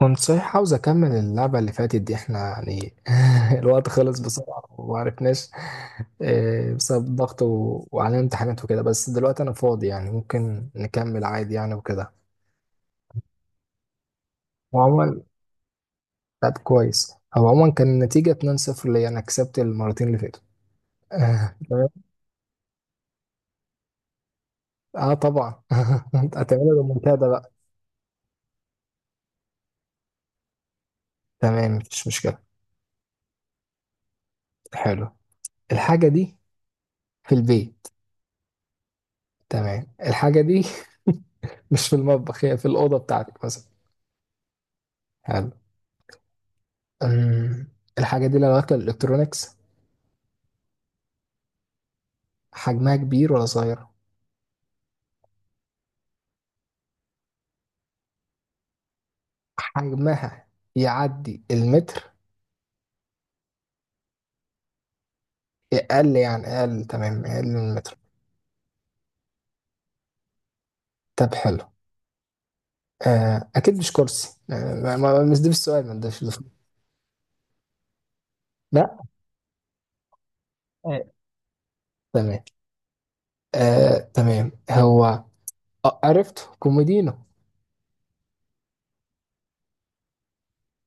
كنت صحيح عاوز اكمل اللعبه اللي فاتت دي احنا يعني. الوقت خلص بسرعه ومعرفناش. آه، بسبب ضغط وعلينا امتحانات وكده. بس دلوقتي انا فاضي يعني ممكن نكمل عادي يعني وكده. وعموما لعب كويس. هو عموما كان النتيجه 2-0 ليا، انا كسبت المرتين اللي فاتوا. آه، تمام. اه طبعا. هتعملها بالمنتدى بقى. تمام مفيش مشكله. حلو. الحاجه دي في البيت. تمام الحاجه دي مش في المطبخ، هي في الاوضه بتاعتك مثلا. حلو. أم، الحاجة دي لو داخلة الإلكترونيكس. حجمها كبير ولا صغير؟ حجمها يعدي المتر. أقل يعني، أقل تمام، أقل من المتر. طب حلو. آه أكيد مش كرسي. آه مش ده السؤال، ما ده السؤال. لا. آه، تمام. آه تمام هو. آه عرفت كوميدينو.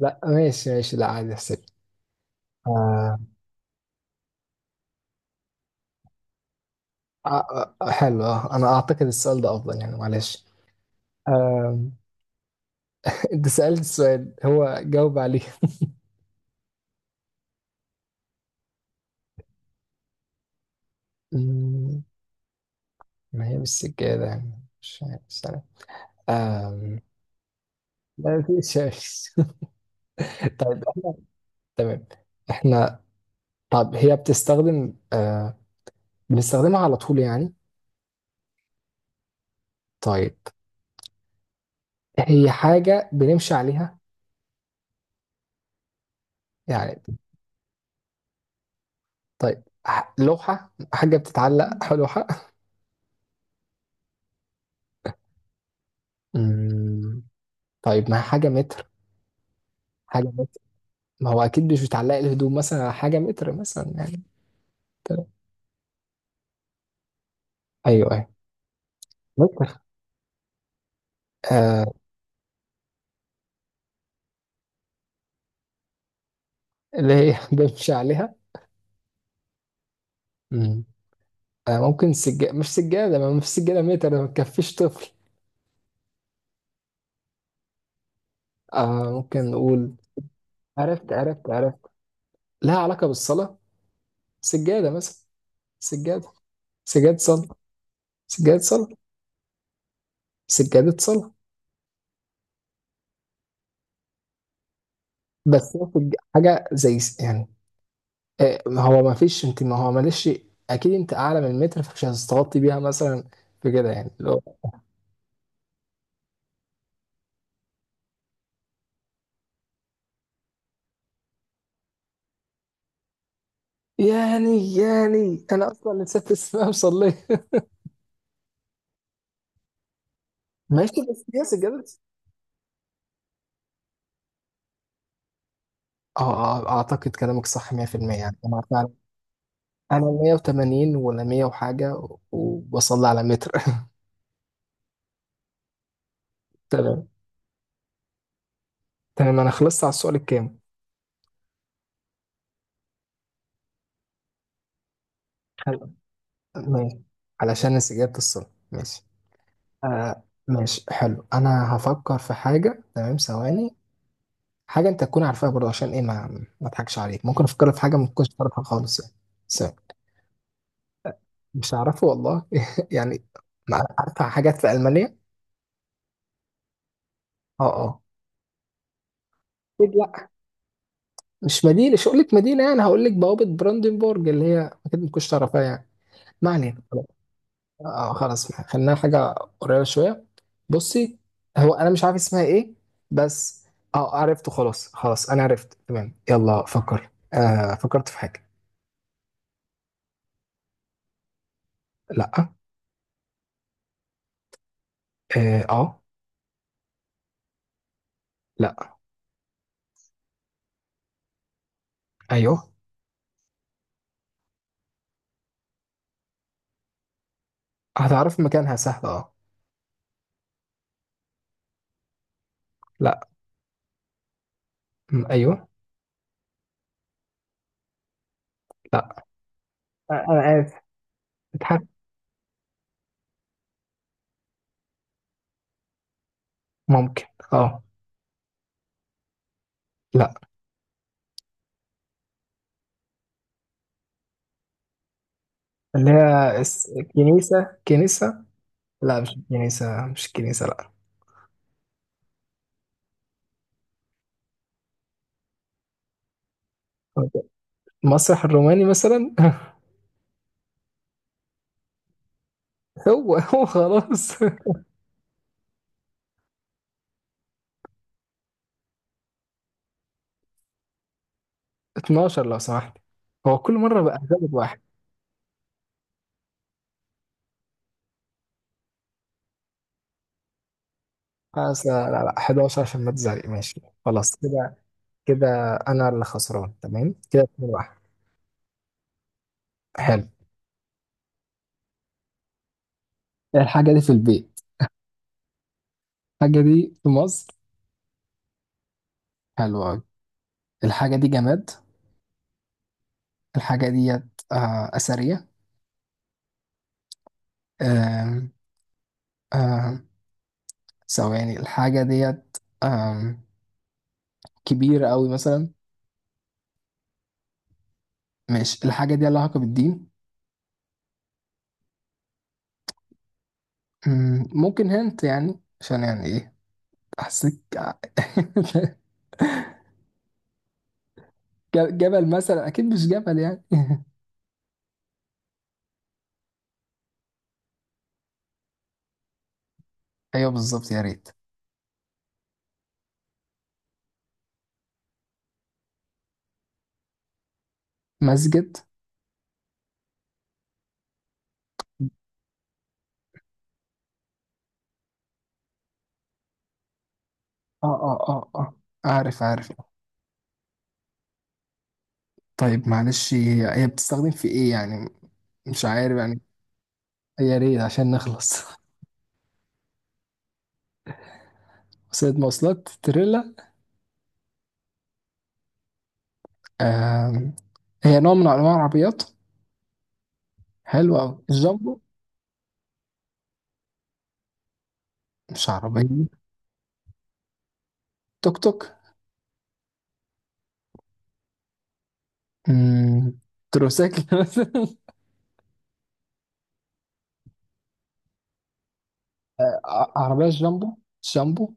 لا ماشي ماشي، لا عادي احسب. آه آه. آه، حلو. آه أنا أعتقد السؤال ده أفضل يعني، معلش. آه. أنت سألت السؤال، هو جاوب عليه. مم. ما هي بالسجادة يعني، مش عارف السنة. آم. لا في شمس. طيب احنا تمام، احنا طب هي بتستخدم آه، بنستخدمها على طول يعني. طيب، هي حاجة بنمشي عليها يعني؟ طيب ح- لوحة، حاجة بتتعلق على لوحة؟ مم. طيب، ما هي حاجة متر، حاجة متر. ما هو أكيد مش بتعلق الهدوم مثلا على حاجة متر مثلا يعني. تمام. أيوه أيوه. متر. آه اللي هي بنمشي عليها. مم. آه ممكن سجادة. مش سجادة، ما فيش سجادة متر، ما تكفيش طفل. آه ممكن نقول عرفت عرفت عرفت. لها علاقة بالصلاة، سجادة مثلا. سجادة. سجادة صلاة. سجادة صلاة. سجادة صلاة. بس هو سج- حاجة زي س- يعني. آه ما هو ما فيش، انت ما هو معلش. اكيد انت اعلى من المتر فمش هتستغطي بيها مثلا. في كده يعني اللي هو. يعني يعني انا اصلا نسيت اسمها مصلية. ماشي بس هي سجادة. اه. آه، اعتقد كلامك صح 100% يعني. انا انا 180 ولا 100 وحاجه، وبصلي على متر. تمام تمام. انا خلصت على السؤال الكام. حلو. ماشي. علشان استجابه الصلاه. ماشي. آه ماشي حلو، انا هفكر في حاجه تمام. ثواني. حاجه انت تكون عارفها برضه عشان ايه، ما ما اضحكش عليك. ممكن افكر في حاجه ما تكونش تعرفها خالص يعني. ثواني. مش هعرفه والله يعني. ما عارفه حاجات في المانيا. اه اه. أكيد لا، مش مدينه. مش هقول لك مدينه يعني، هقول لك بوابه براندنبورج اللي هي اكيد ما تكونش تعرفها يعني. ما علينا. اه خلاص، خلينا حاجة قريبة شوية. بصي، هو أنا مش عارف اسمها إيه بس. اه عرفته، خلاص خلاص أنا عرفت. تمام يلا فكر. آه فكرت في حاجة. لأ. آه، آه. لأ. أيوه. هتعرف مكانها سهل اه. لأ. م- أيوه. لأ. آه، أنا آسف. بتحب. ممكن. اه. لأ. اللي هي اس- كنيسة كنيسة. لأ مش كنيسة، مش كنيسة لأ. المسرح الروماني مثلا. هو هو خلاص. 12 لو سمحت. هو كل مرة بقى زائد واحد. خلاص، لا لا لا 11، عشان ما تزعلي. ماشي خلاص كده. كده أنا اللي خسران، تمام كده 2 واحد. حلو. الحاجة دي في البيت. الحاجة دي في مصر. حلو أوي. الحاجة دي جماد. الحاجة ديت آه أثرية. آم، آم، ثواني. الحاجة ديت آم، كبيرة أوي مثلا. ماشي. الحاجة دي لها علاقة بالدين. ممكن هنت يعني، عشان يعني إيه أحسك. ج- جبل مثلا؟ اكيد مش جبل يعني. ايوه بالظبط، يا ريت. مسجد. اه اه اه اه. عارف عارف. طيب معلش، هي هي بتستخدم في ايه يعني؟ مش عارف يعني. يا ريت عشان نخلص. وسيلة مواصلات، تريلا؟ آم. هي نوع من انواع العربيات. حلو قوي، الجامبو. مش عربية؟ توك توك. مم. تروسيكل مثلا. ع- عربية جامبو. جامبو.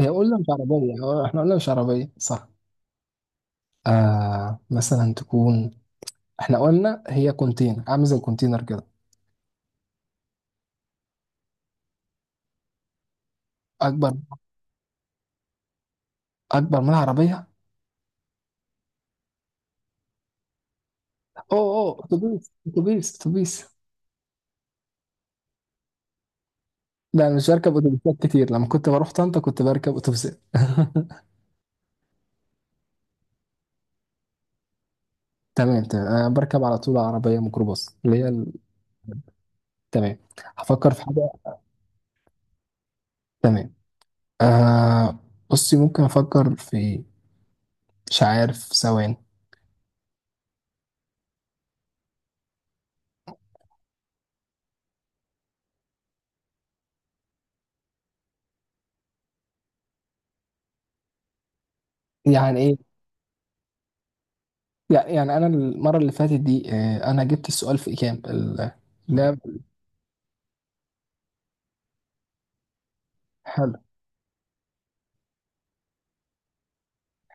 هي قلنا مش عربية، هو احنا قلنا مش عربية صح؟ آه مثلا تكون، احنا قلنا هي كونتينر، عامل زي الكونتينر كده. اكبر. اكبر من العربيه. اوه اوه، اتوبيس اتوبيس اتوبيس. لا انا مش بركب اتوبيسات كتير، لما كنت بروح طنطا كنت بركب اتوبيسات. تمام تمام، انا بركب على طول عربيه ميكروباص اللي هي ال-. تمام. هفكر في حاجه. تمام. آه بصي، ممكن افكر في، مش عارف ثواني. يعني ايه؟ يعني يعني انا المره اللي فاتت دي آه، انا جبت السؤال في كام ال-. لا. حلو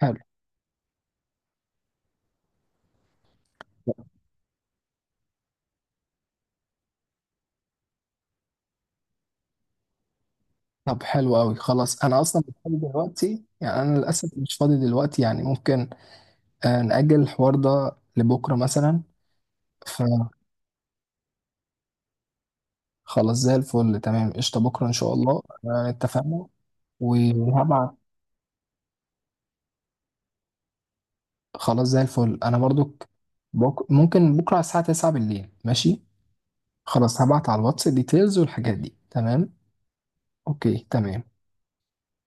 حلو. طب حلو قوي. خلاص انا اصلا مش فاضي دلوقتي يعني، انا للاسف مش فاضي دلوقتي يعني. ممكن آه، نأجل الحوار ده لبكره مثلا. فخلاص زي الفل تمام، قشطه بكره ان شاء الله. آه، اتفقنا. وهبعت. خلاص زي الفل انا برضك. ممكن بكره على الساعه 9 بالليل، ماشي. خلاص هبعت على الواتس ديتيلز والحاجات دي تمام. اوكي تمام.